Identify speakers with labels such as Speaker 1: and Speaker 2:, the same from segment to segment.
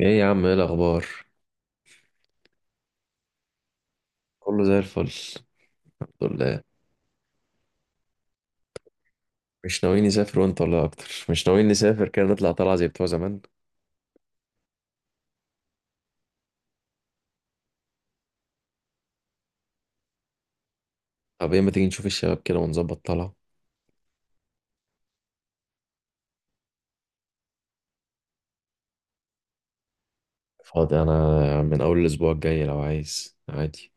Speaker 1: ايه يا عم، ايه الاخبار؟ كله زي الفل، الحمد لله. مش ناويين نسافر وانت ولا اكتر مش ناويين نسافر كده، نطلع طلعه زي بتوع زمان؟ طب ايه، ما تيجي نشوف الشباب كده ونظبط طلعه. فاضي انا من اول الاسبوع الجاي لو عايز، عادي.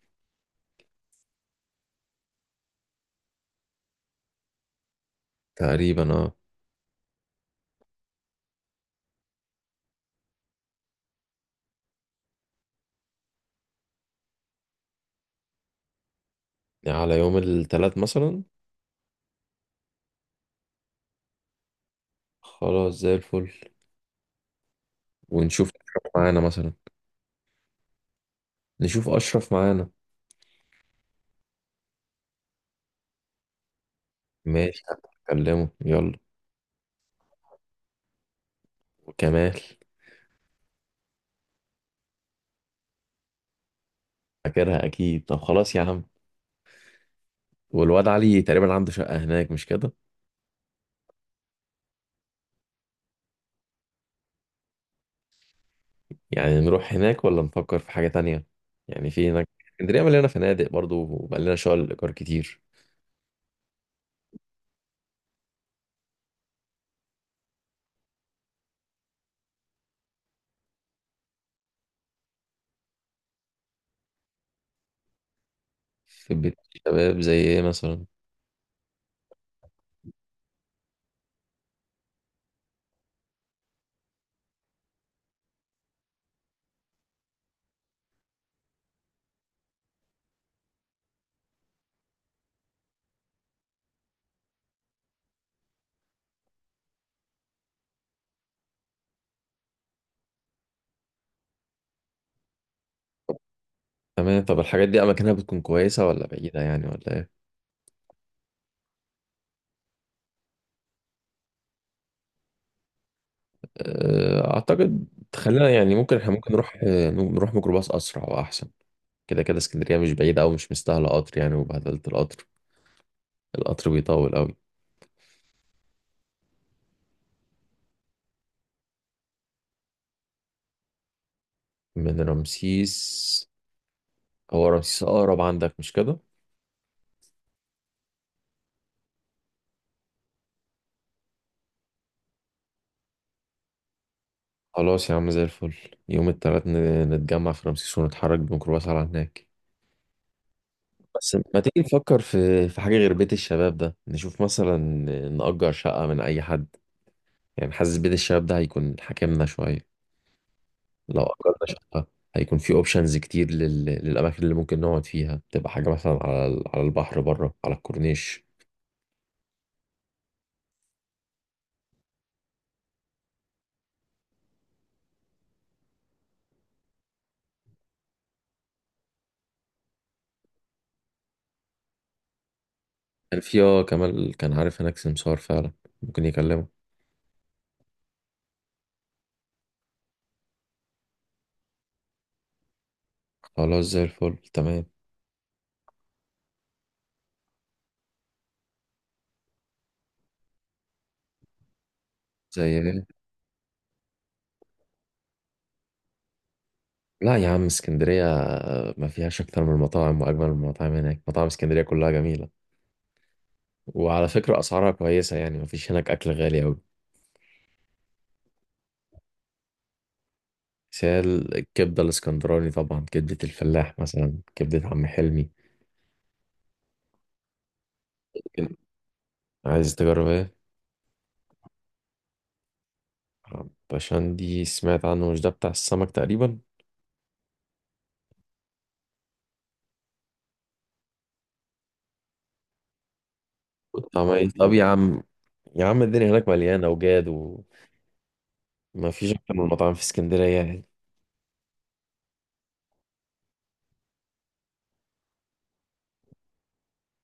Speaker 1: تقريبا اه. يعني على يوم الثلاث مثلا. خلاص زي الفل، ونشوف اشرف معانا مثلا. نشوف اشرف معانا. ماشي، هكلمه يلا. وكمال. فاكرها اكيد، طب خلاص يا عم. والواد علي تقريبا عنده شقه هناك، مش كده؟ يعني نروح هناك ولا نفكر في حاجة تانية؟ يعني في هناك اسكندرية مليانة فنادق برضو، وبقى لنا شغل الإيجار كتير. في بيت الشباب زي إيه مثلا؟ تمام، طب الحاجات دي أماكنها بتكون كويسة ولا بعيدة يعني، ولا إيه؟ أعتقد خلينا يعني، ممكن إحنا ممكن نروح، نروح ميكروباص أسرع وأحسن. كده كده اسكندرية مش بعيدة، أو مش مستاهلة قطر يعني، وبهدلة القطر. القطر بيطول أوي. من رمسيس. هو رمسيس أقرب عندك، مش كده؟ خلاص يا عم زي الفل. يوم التلات نتجمع في رمسيس ونتحرك بميكروباص على هناك. بس ما تيجي نفكر في حاجة غير بيت الشباب ده، نشوف مثلا نأجر شقة من أي حد. يعني حاسس بيت الشباب ده هيكون حاكمنا شوية. لو أجرنا شقة هيكون في أوبشنز كتير للأماكن اللي ممكن نقعد فيها، تبقى حاجة مثلا على على البحر بره على الكورنيش. كان في اه، كمال كان عارف هناك سمسار فعلا، ممكن يكلمه. خلاص زي الفل، تمام. زي. لا يا عم، اسكندرية ما فيهاش أكتر من المطاعم وأجمل من المطاعم، هناك مطاعم اسكندرية كلها جميلة. وعلى فكرة أسعارها كويسة يعني، ما فيش هناك أكل غالي أوي. بس هي الكبدة الاسكندراني طبعا، كبدة الفلاح مثلا، كبدة عم حلمي. عايز تجرب ايه؟ بشندي سمعت عنه، مش ده بتاع السمك تقريبا؟ طب إيه؟ طب يا عم، يا عم الدنيا هناك مليانة وجاد، وما فيش أكتر من المطاعم في اسكندرية يعني.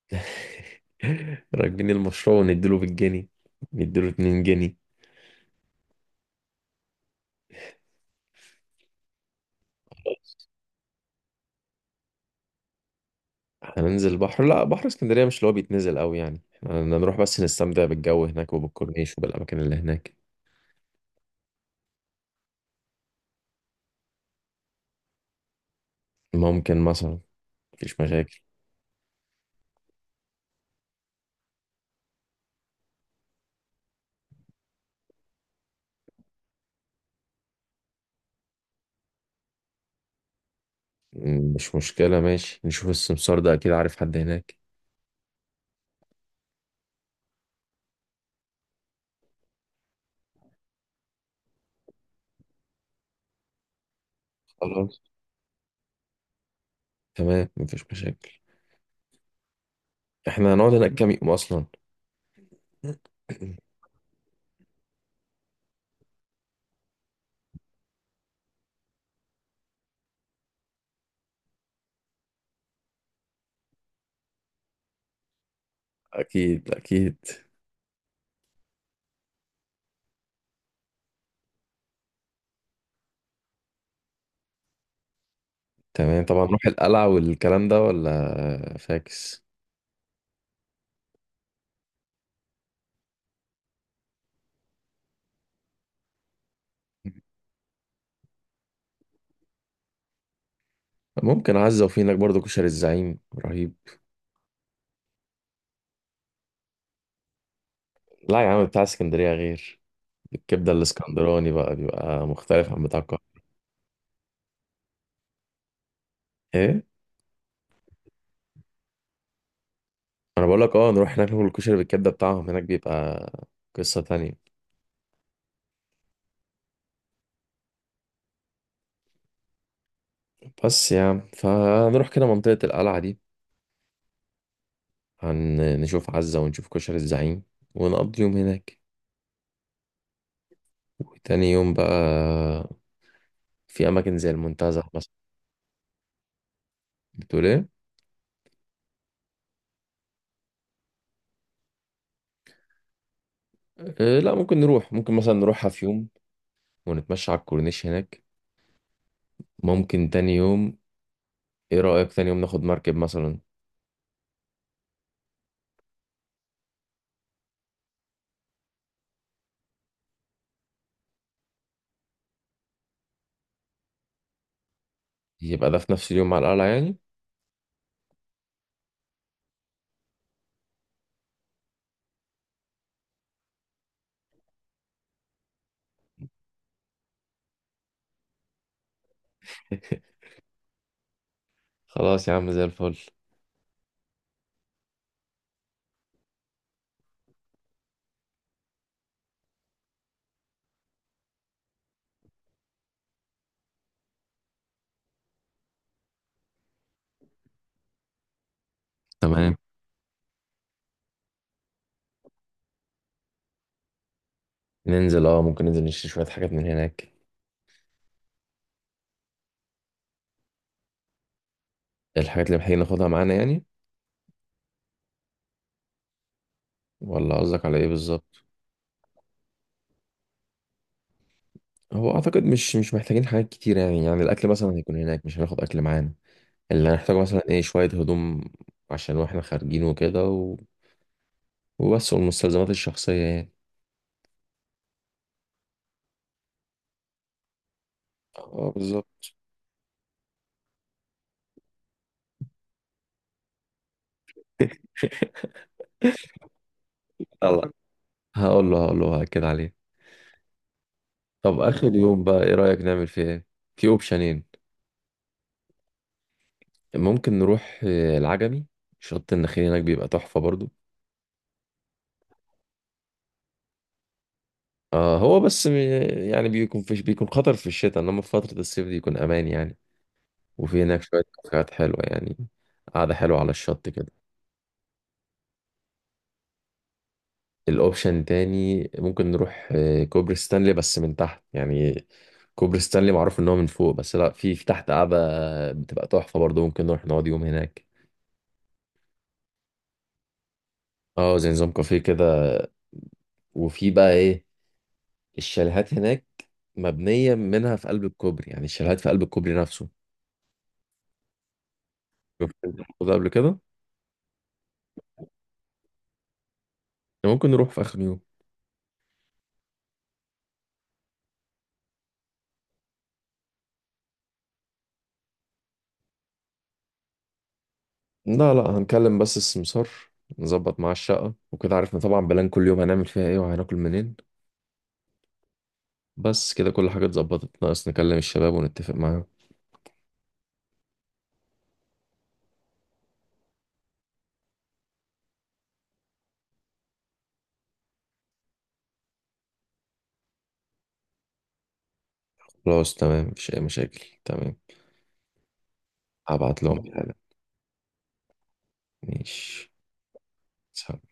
Speaker 1: راكبين المشروع ونديله بالجنيه، نديله اتنين جنيه. احنا ننزل البحر؟ لا، بحر اسكندرية مش اللي هو بيتنزل قوي يعني، احنا نروح بس نستمتع بالجو هناك وبالكورنيش وبالأماكن اللي هناك. ممكن مثلا، مفيش مشاكل. مش مشكلة، ماشي، نشوف السمسار ده أكيد عارف حد هناك. خلاص تمام، مفيش مشاكل. احنا هنقعد هناك كام يوم أصلا؟ أكيد أكيد. تمام، طبعا نروح القلعة والكلام ده، ولا فاكس؟ ممكن عزة، وفي هناك برضه كشري الزعيم، رهيب. لا يا عم، بتاع اسكندرية غير، الكبده الاسكندراني بقى بيبقى مختلف عن بتاع القاهره. ايه؟ انا بقول لك، اه نروح هناك ناكل الكشري بالكبده بتاعهم، هناك بيبقى قصه تانية. بس يعني فنروح كده منطقه القلعه دي، هنشوف عزه ونشوف كشري الزعيم، ونقضي يوم هناك. وتاني يوم بقى، في اماكن زي المنتزه مثلا. بتقول ايه؟ لا، ممكن نروح، ممكن مثلا نروحها في يوم، ونتمشى على الكورنيش هناك. ممكن تاني يوم، ايه رأيك تاني يوم ناخد مركب مثلا؟ يبقى ده في نفس اليوم على القلعة يعني. خلاص يا عم زي الفل. تمام، ننزل، اه ممكن ننزل نشتري شوية حاجات من هناك. الحاجات اللي محتاجين ناخدها معانا يعني، ولا قصدك على ايه بالظبط؟ هو اعتقد مش محتاجين حاجات كتير يعني، يعني الاكل مثلا هيكون هناك، مش هناخد اكل معانا. اللي هنحتاجه مثلا ايه؟ شوية هدوم عشان واحنا خارجين وكده و... وبس، والمستلزمات الشخصية يعني. اه بالظبط. يلا، هقول له هأكد عليه. طب آخر يوم بقى إيه رأيك نعمل فيه إيه؟ في أوبشنين. ممكن نروح العجمي، شط النخيل هناك بيبقى تحفة برضو. آه هو بس يعني بيكون فيش، بيكون خطر في الشتاء، انما في فترة الصيف دي يكون امان يعني. وفي هناك شوية كافيهات حلوة يعني، قعدة حلوة على الشط كده. الاوبشن تاني ممكن نروح كوبري ستانلي، بس من تحت يعني. كوبري ستانلي معروف ان هو من فوق، بس لا، في تحت قعدة بتبقى تحفة برضه، ممكن نروح نقعد يوم هناك. اه زي نظام كافيه كده. وفي بقى ايه، الشاليهات هناك مبنية منها في قلب الكوبري، يعني الشاليهات في قلب الكوبري نفسه. شفت انت الموضوع ده قبل كده؟ ممكن نروح في اخر يوم. لا لا، هنكلم بس السمسار، نظبط معاه الشقة وكده، عرفنا طبعا بلان كل يوم هنعمل فيها ايه وهناكل منين. بس كده كل حاجة اتظبطت، ناقص نكلم الشباب ونتفق معاهم. خلاص تمام، مفيش أي مشاكل، تمام. هبعت لهم الحاجة. ماشي. سلام.